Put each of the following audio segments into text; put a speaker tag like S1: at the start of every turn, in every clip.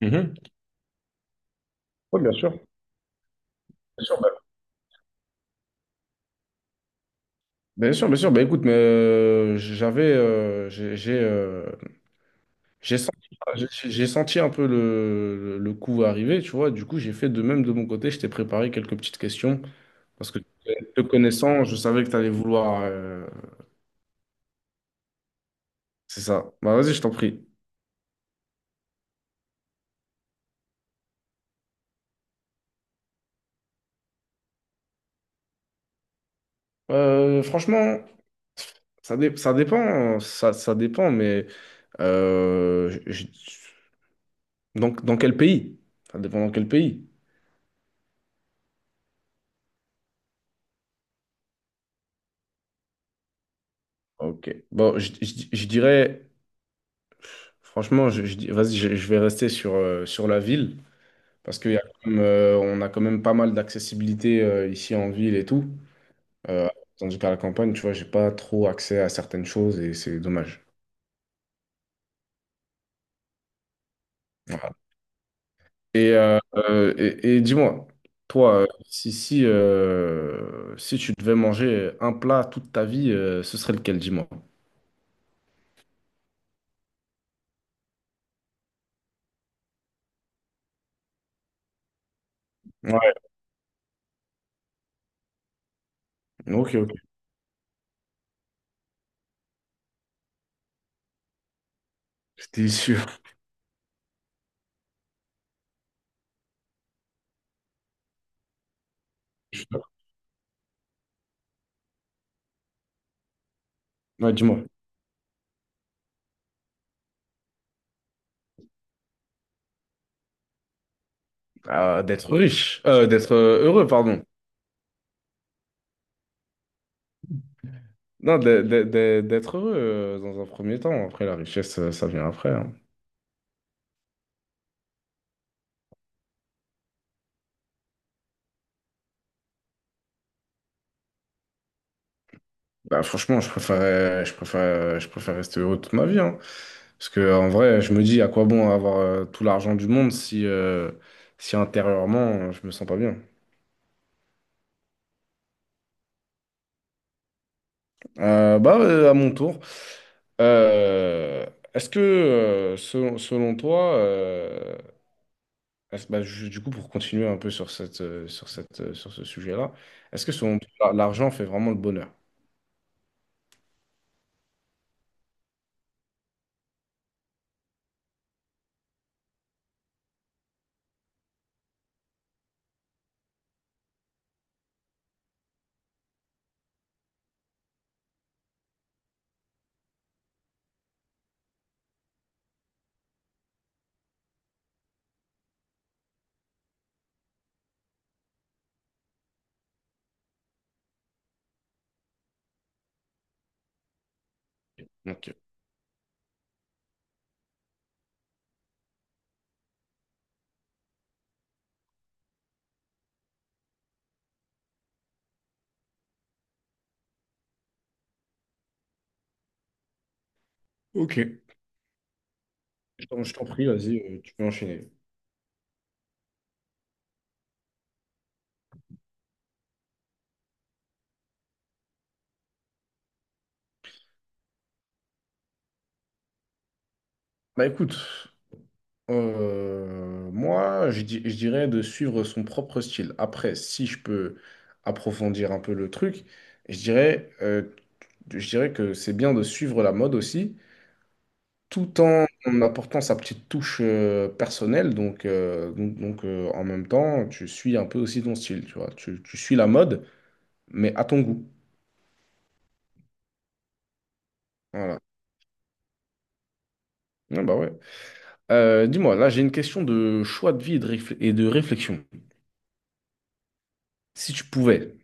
S1: Mhm. Oui, bien sûr. Bien sûr, bah, bien sûr, bien sûr. Bah, écoute, mais j'avais, j'ai senti, j'ai senti un peu le coup arriver, tu vois. Du coup, j'ai fait de même de mon côté. Je t'ai préparé quelques petites questions parce que te connaissant, je savais que tu allais vouloir, c'est ça. Bah, vas-y, je t'en prie. Franchement, ça dépend, ça dépend, mais euh, je- je- donc dans quel pays? Ça dépend dans quel pays. Ok. Bon, je dirais. Franchement, vas-y, je vais rester sur, sur la ville parce qu'il y a quand même, on a quand même pas mal d'accessibilité ici en ville et tout. Euh, Tandis qu'à la campagne, tu vois, j'ai pas trop accès à certaines choses et c'est dommage. Voilà. Et dis-moi, toi, si tu devais manger un plat toute ta vie, ce serait lequel, dis-moi? Ouais, ok, ok, j'étais sûr. Ouais, dis-moi. D'être heureux, pardon. Non, d'être heureux dans un premier temps. Après, la richesse, ça vient après, hein. Bah, franchement, je préfère rester heureux toute ma vie, hein. Parce que, en vrai, je me dis à quoi bon avoir tout l'argent du monde si, si intérieurement, je me sens pas bien. Bah, à mon tour. Euh, Est-ce que, selon toi, bah, du coup, pour continuer un peu sur sur ce sujet-là, est-ce que selon toi, l'argent fait vraiment le bonheur? Ok. Ok. Donc, je t'en prie, vas-y, tu peux enchaîner. Bah écoute, moi, je dirais de suivre son propre style. Après, si je peux approfondir un peu le truc, je dirais, euh, je dirais que c'est bien de suivre la mode aussi, tout en apportant sa petite touche personnelle. Donc, en même temps, tu suis un peu aussi ton style, tu vois. Tu suis la mode, mais à ton goût. Voilà. Ah bah ouais. Dis-moi, là, j'ai une question de choix de vie et et de réflexion. Si tu pouvais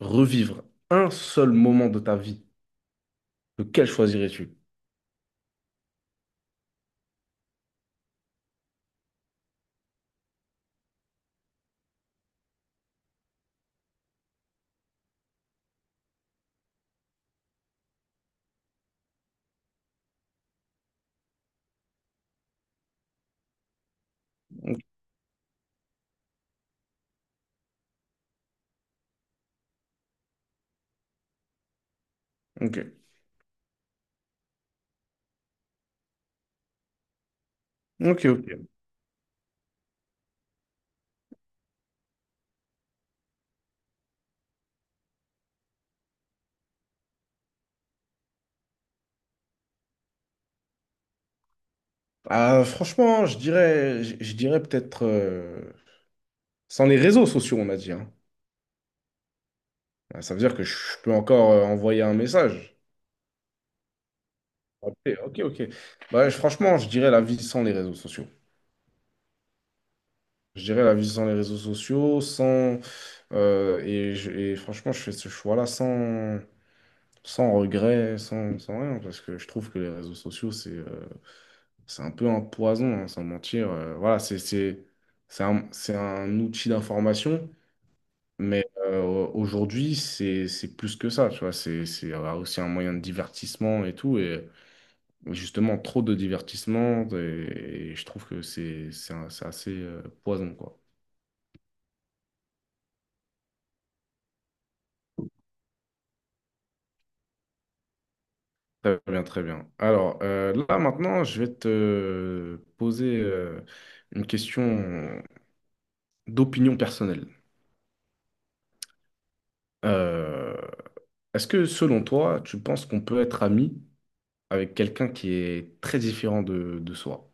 S1: revivre un seul moment de ta vie, lequel choisirais-tu? Ok, ok, ok, ok. Ah, franchement, je dirais peut-être sans les réseaux sociaux, on a dit, hein. Ah, ça veut dire que je peux encore envoyer un message. Ok, ok, ok. Bah, franchement, je dirais la vie sans les réseaux sociaux. Je dirais la vie sans les réseaux sociaux, sans et, et franchement, je fais ce choix-là sans sans regret, sans rien, parce que je trouve que les réseaux sociaux, c'est un peu un poison, hein, sans mentir. Voilà, c'est un outil d'information, mais aujourd'hui, c'est plus que ça, tu vois. C'est, aussi un moyen de divertissement et tout. Et justement, trop de divertissement, et je trouve que c'est assez poison, quoi. Très bien, très bien. Alors, là, maintenant, je vais te poser une question d'opinion personnelle. Euh, Est-ce que selon toi, tu penses qu'on peut être ami avec quelqu'un qui est très différent de soi?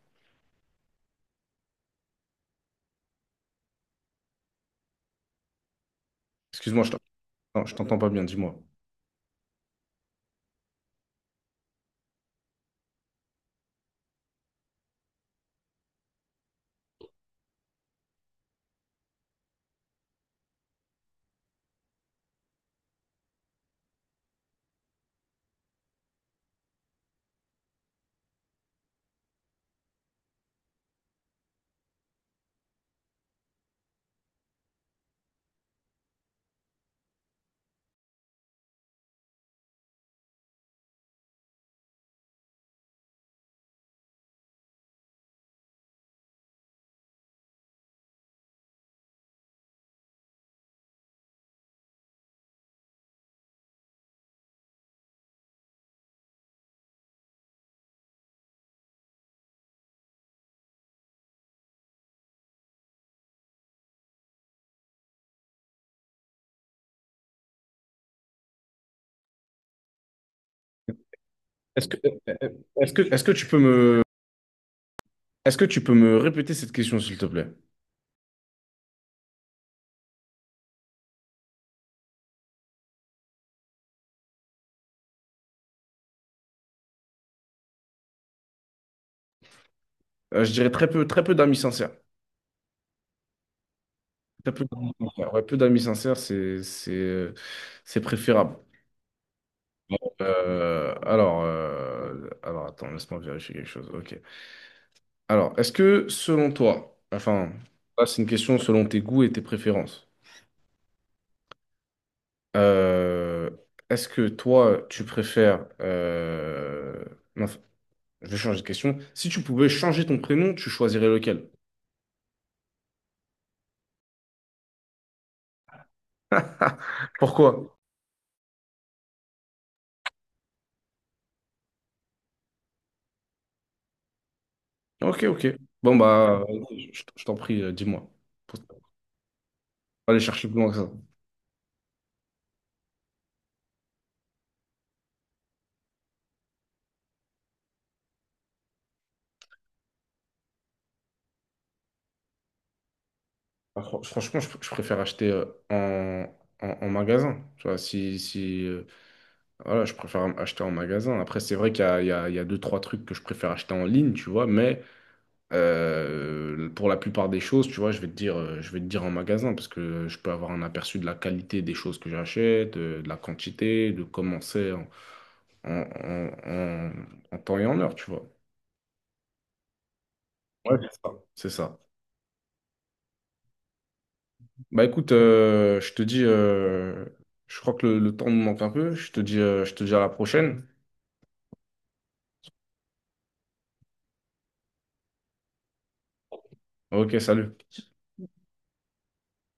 S1: Excuse-moi, je t'entends pas bien, dis-moi. Est-ce que, est-ce que tu peux me, est-ce que tu peux me répéter cette question, s'il te plaît? Je dirais très peu d'amis sincères. Très peu d'amis sincères. Ouais, peu d'amis sincères, c'est préférable. Euh, alors, attends, laisse-moi vérifier quelque chose. Ok. Alors, est-ce que selon toi, enfin, là, c'est une question selon tes goûts et tes préférences. Euh, est-ce que toi, tu préfères non, je vais changer de question. Si tu pouvais changer ton prénom, tu choisirais lequel? Pourquoi? Ok, ok. Bon, bah, je t'en prie, dis-moi. Faut pas aller chercher plus loin que ça. Bah, franchement, je préfère acheter en magasin. Tu vois, si, si, voilà, je préfère acheter en magasin. Après, c'est vrai qu'il y a deux, trois trucs que je préfère acheter en ligne, tu vois, mais pour la plupart des choses, tu vois, je vais te dire en magasin parce que je peux avoir un aperçu de la qualité des choses que j'achète, de la quantité, de comment c'est en, en- en- en- en temps et en heure, tu vois. Ouais, c'est ça. C'est ça. Bah écoute, je te dis, je crois que le temps me manque un peu. Je te dis à la prochaine. Ok, salut.